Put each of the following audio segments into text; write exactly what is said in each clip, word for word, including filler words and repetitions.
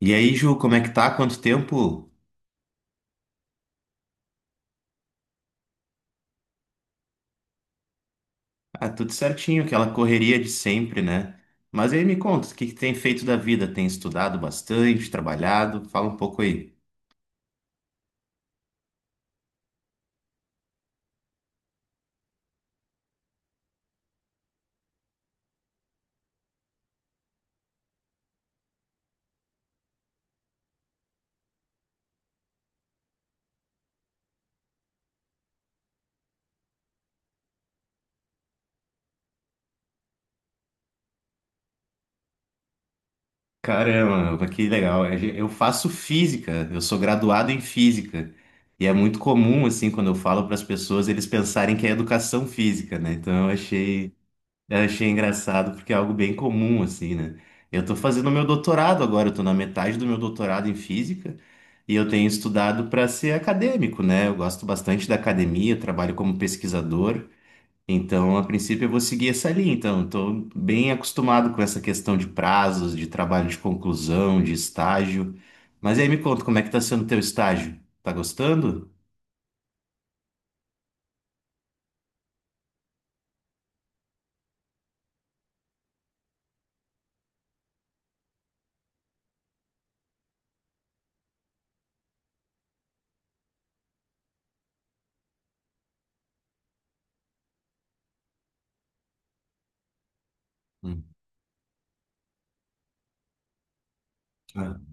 E aí, Ju, como é que tá? Quanto tempo? Ah, tudo certinho, aquela correria de sempre, né? Mas aí me conta, o que que tem feito da vida? Tem estudado bastante, trabalhado? Fala um pouco aí. Caramba, que legal. A gen- Eu faço física, eu sou graduado em física. E é muito comum, assim, quando eu falo para as pessoas, eles pensarem que é educação física, né? Então eu achei Eu achei engraçado porque é algo bem comum, assim, né? Eu tô fazendo meu doutorado agora, eu tô na metade do meu doutorado em física e eu tenho estudado para ser acadêmico, né? Eu gosto bastante da academia, eu trabalho como pesquisador, então, a princípio, eu vou seguir essa linha. Então, eu tô bem acostumado com essa questão de prazos, de trabalho de conclusão, de estágio. Mas aí me conta, como é que tá sendo teu estágio? Tá gostando? Hum.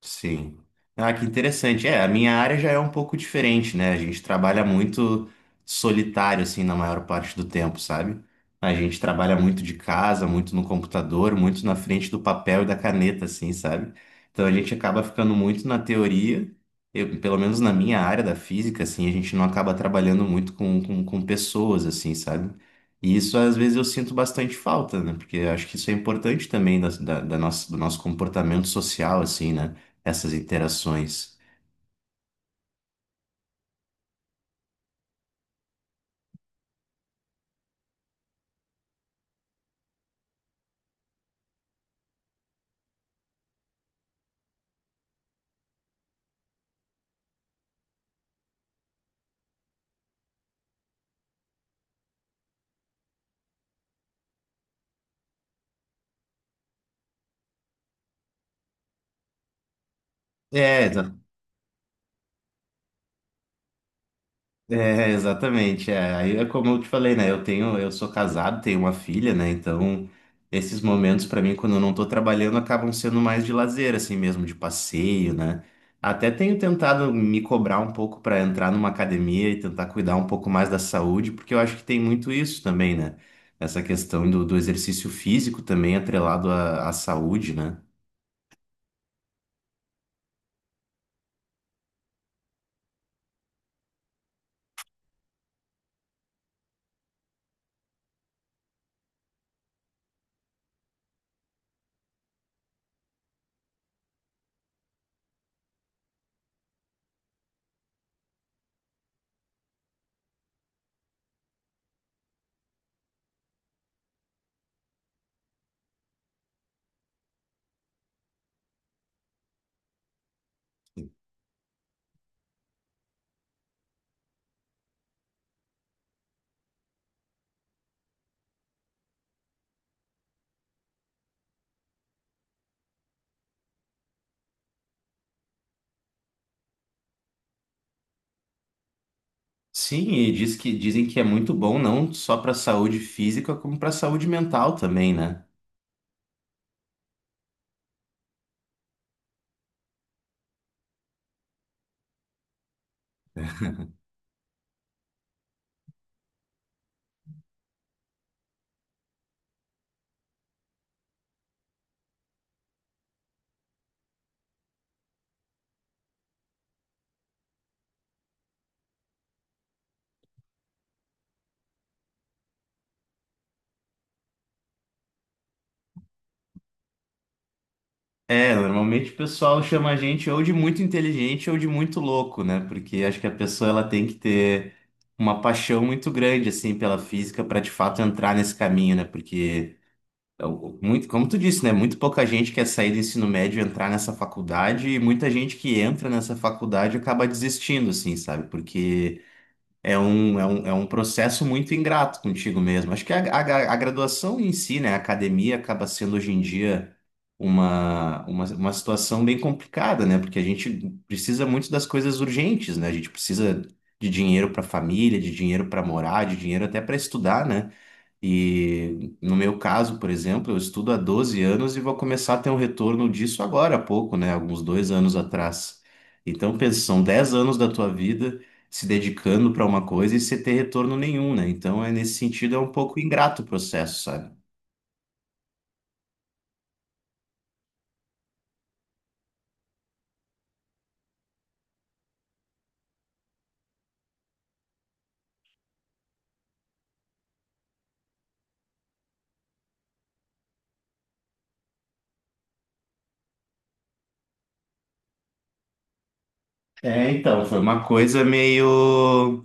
Sim. Ah, que interessante. É, a minha área já é um pouco diferente, né? A gente trabalha muito solitário, assim, na maior parte do tempo, sabe? A gente trabalha muito de casa, muito no computador, muito na frente do papel e da caneta, assim, sabe? Então a gente acaba ficando muito na teoria, eu, pelo menos na minha área da física, assim, a gente não acaba trabalhando muito com, com, com pessoas, assim, sabe? E isso às vezes eu sinto bastante falta, né? Porque eu acho que isso é importante também da, da, da nossa, do nosso comportamento social, assim, né? Essas interações. É, exa- é, Exatamente. É. Aí é como eu te falei, né? Eu tenho, eu sou casado, tenho uma filha, né? Então, esses momentos pra mim, quando eu não tô trabalhando, acabam sendo mais de lazer, assim mesmo, de passeio, né? Até tenho tentado me cobrar um pouco pra entrar numa academia e tentar cuidar um pouco mais da saúde, porque eu acho que tem muito isso também, né? Essa questão do, do exercício físico também atrelado à, à saúde, né? Sim, e diz que, dizem que é muito bom não só para saúde física, como para saúde mental também, né? É, normalmente o pessoal chama a gente ou de muito inteligente ou de muito louco, né? Porque acho que a pessoa ela tem que ter uma paixão muito grande assim pela física para de fato entrar nesse caminho, né? Porque é o- muito, como tu disse, né? Muito pouca gente quer sair do ensino médio e entrar nessa faculdade e muita gente que entra nessa faculdade acaba desistindo, assim, sabe? Porque É um, é um, é um processo muito ingrato contigo mesmo. Acho que a, a, a graduação em si, né, a academia acaba sendo hoje em dia uma, uma, uma situação bem complicada, né? Porque a gente precisa muito das coisas urgentes, né? A gente precisa de dinheiro para a família, de dinheiro para morar, de dinheiro até para estudar, né? E no meu caso, por exemplo, eu estudo há doze anos e vou começar a ter um retorno disso agora há pouco, né? Alguns dois anos atrás. Então, pensa, são dez anos da tua vida se dedicando para uma coisa e sem ter retorno nenhum, né? Então, é nesse sentido, é um pouco ingrato o processo, sabe? É, então, foi uma coisa meio.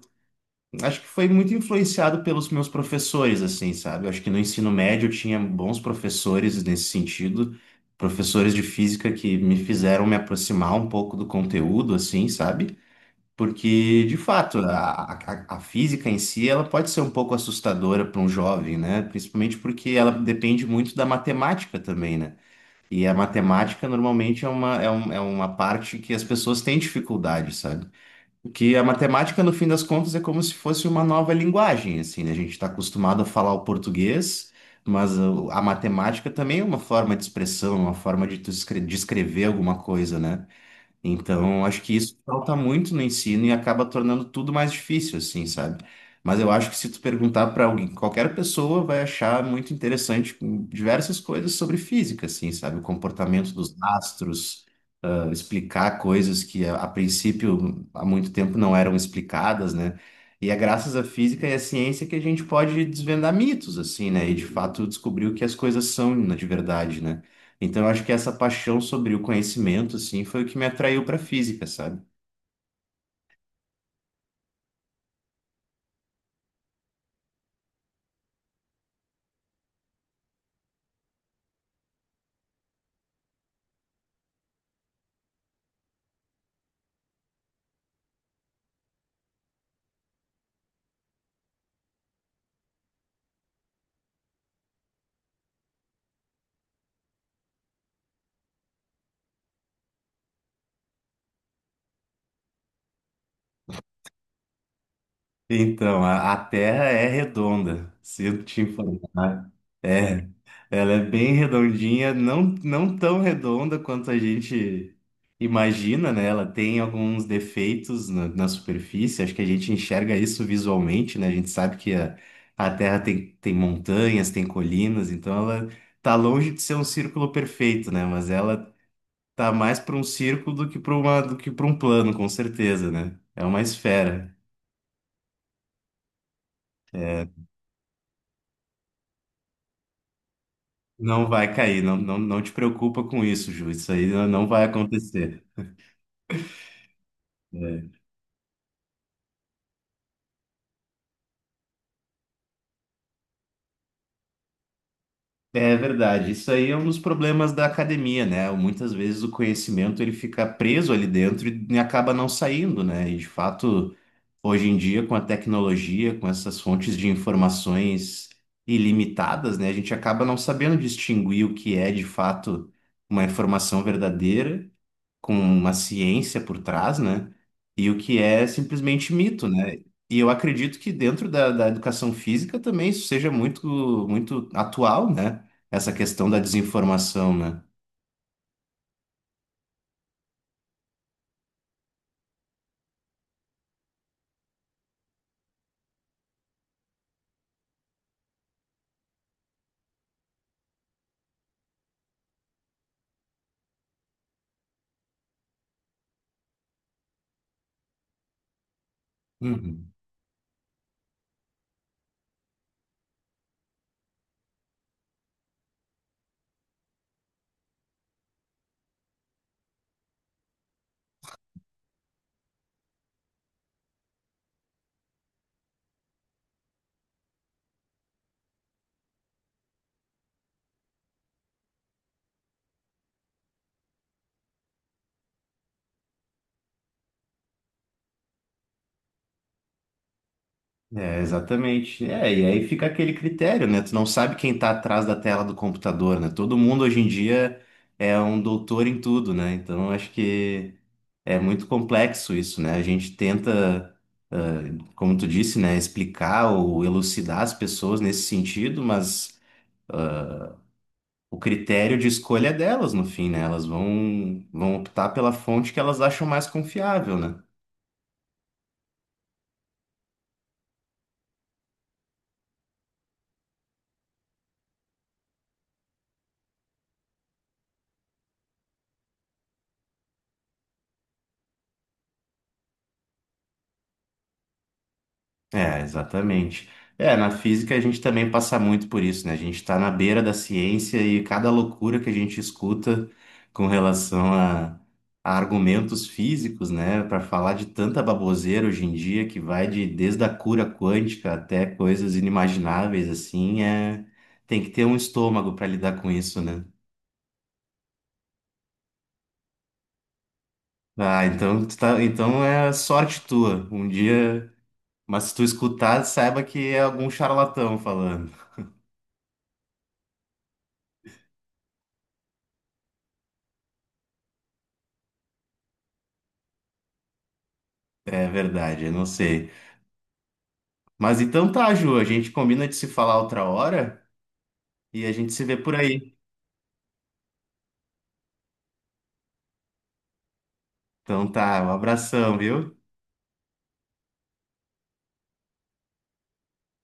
Acho que foi muito influenciado pelos meus professores, assim, sabe? Eu acho que no ensino médio eu tinha bons professores nesse sentido, professores de física que me fizeram me aproximar um pouco do conteúdo, assim, sabe? Porque, de fato, a, a, a física em si, ela pode ser um pouco assustadora para um jovem, né? Principalmente porque ela depende muito da matemática também, né? E a matemática normalmente é uma, é um, é uma parte que as pessoas têm dificuldade, sabe? Porque a matemática, no fim das contas, é como se fosse uma nova linguagem, assim, né? A gente está acostumado a falar o português, mas uh, a matemática também é uma forma de expressão, uma forma de tu escre- de escrever alguma coisa, né? Então, acho que isso falta muito no ensino e acaba tornando tudo mais difícil, assim, sabe? Mas eu acho que se tu perguntar para alguém, qualquer pessoa vai achar muito interessante hum, diversas coisas sobre física, assim, sabe? O comportamento dos astros, ah, explicar coisas que a, a princípio há muito tempo não eram explicadas, né? E é graças à física e à ciência que a gente pode desvendar mitos, assim, né? E de fato descobrir o que as coisas são, né, de verdade, né? Então, eu acho que essa paixão sobre o conhecimento, assim, foi o que me atraiu para física, sabe? Então, a, a Terra é redonda, sinto te informar. É, ela é bem redondinha, não, não tão redonda quanto a gente imagina, né? Ela tem alguns defeitos na, na superfície, acho que a gente enxerga isso visualmente, né? A gente sabe que a, a Terra tem, tem montanhas, tem colinas, então ela tá longe de ser um círculo perfeito, né? Mas ela tá mais para um círculo do que para uma do que para um plano, com certeza, né? É uma esfera. É, não vai cair, não, não, não te preocupa com isso, Ju. Isso aí não não vai acontecer. É, é verdade. Isso aí é um dos problemas da academia, né? Muitas vezes o conhecimento ele fica preso ali dentro e acaba não saindo, né? E de fato, hoje em dia, com a tecnologia, com essas fontes de informações ilimitadas, né? A gente acaba não sabendo distinguir o que é de fato uma informação verdadeira com uma ciência por trás, né? E o que é simplesmente mito, né? E eu acredito que dentro da, da educação física também isso seja muito, muito atual, né? Essa questão da desinformação, né? Uhum. É, exatamente. É, e aí fica aquele critério, né? Tu não sabe quem tá atrás da tela do computador, né? Todo mundo hoje em dia é um doutor em tudo, né? Então acho que é muito complexo isso, né? A gente tenta, ah, como tu disse, né, explicar ou elucidar as pessoas nesse sentido, mas o critério de escolha é delas no fim, né? Elas vão, vão optar pela fonte que elas acham mais confiável, né? É, exatamente. É, na física a gente também passa muito por isso, né? A gente está na beira da ciência e cada loucura que a gente escuta com relação a, a argumentos físicos, né? Para falar de tanta baboseira hoje em dia que vai de desde a cura quântica até coisas inimagináveis, assim, é... tem que ter um estômago para lidar com isso, né? Ah, então, tu tá, então é sorte tua. Um dia, mas se tu escutar, saiba que é algum charlatão falando. É verdade, eu não sei. Mas então tá, Ju, a gente combina de se falar outra hora e a gente se vê por aí. Então tá, um abração, viu?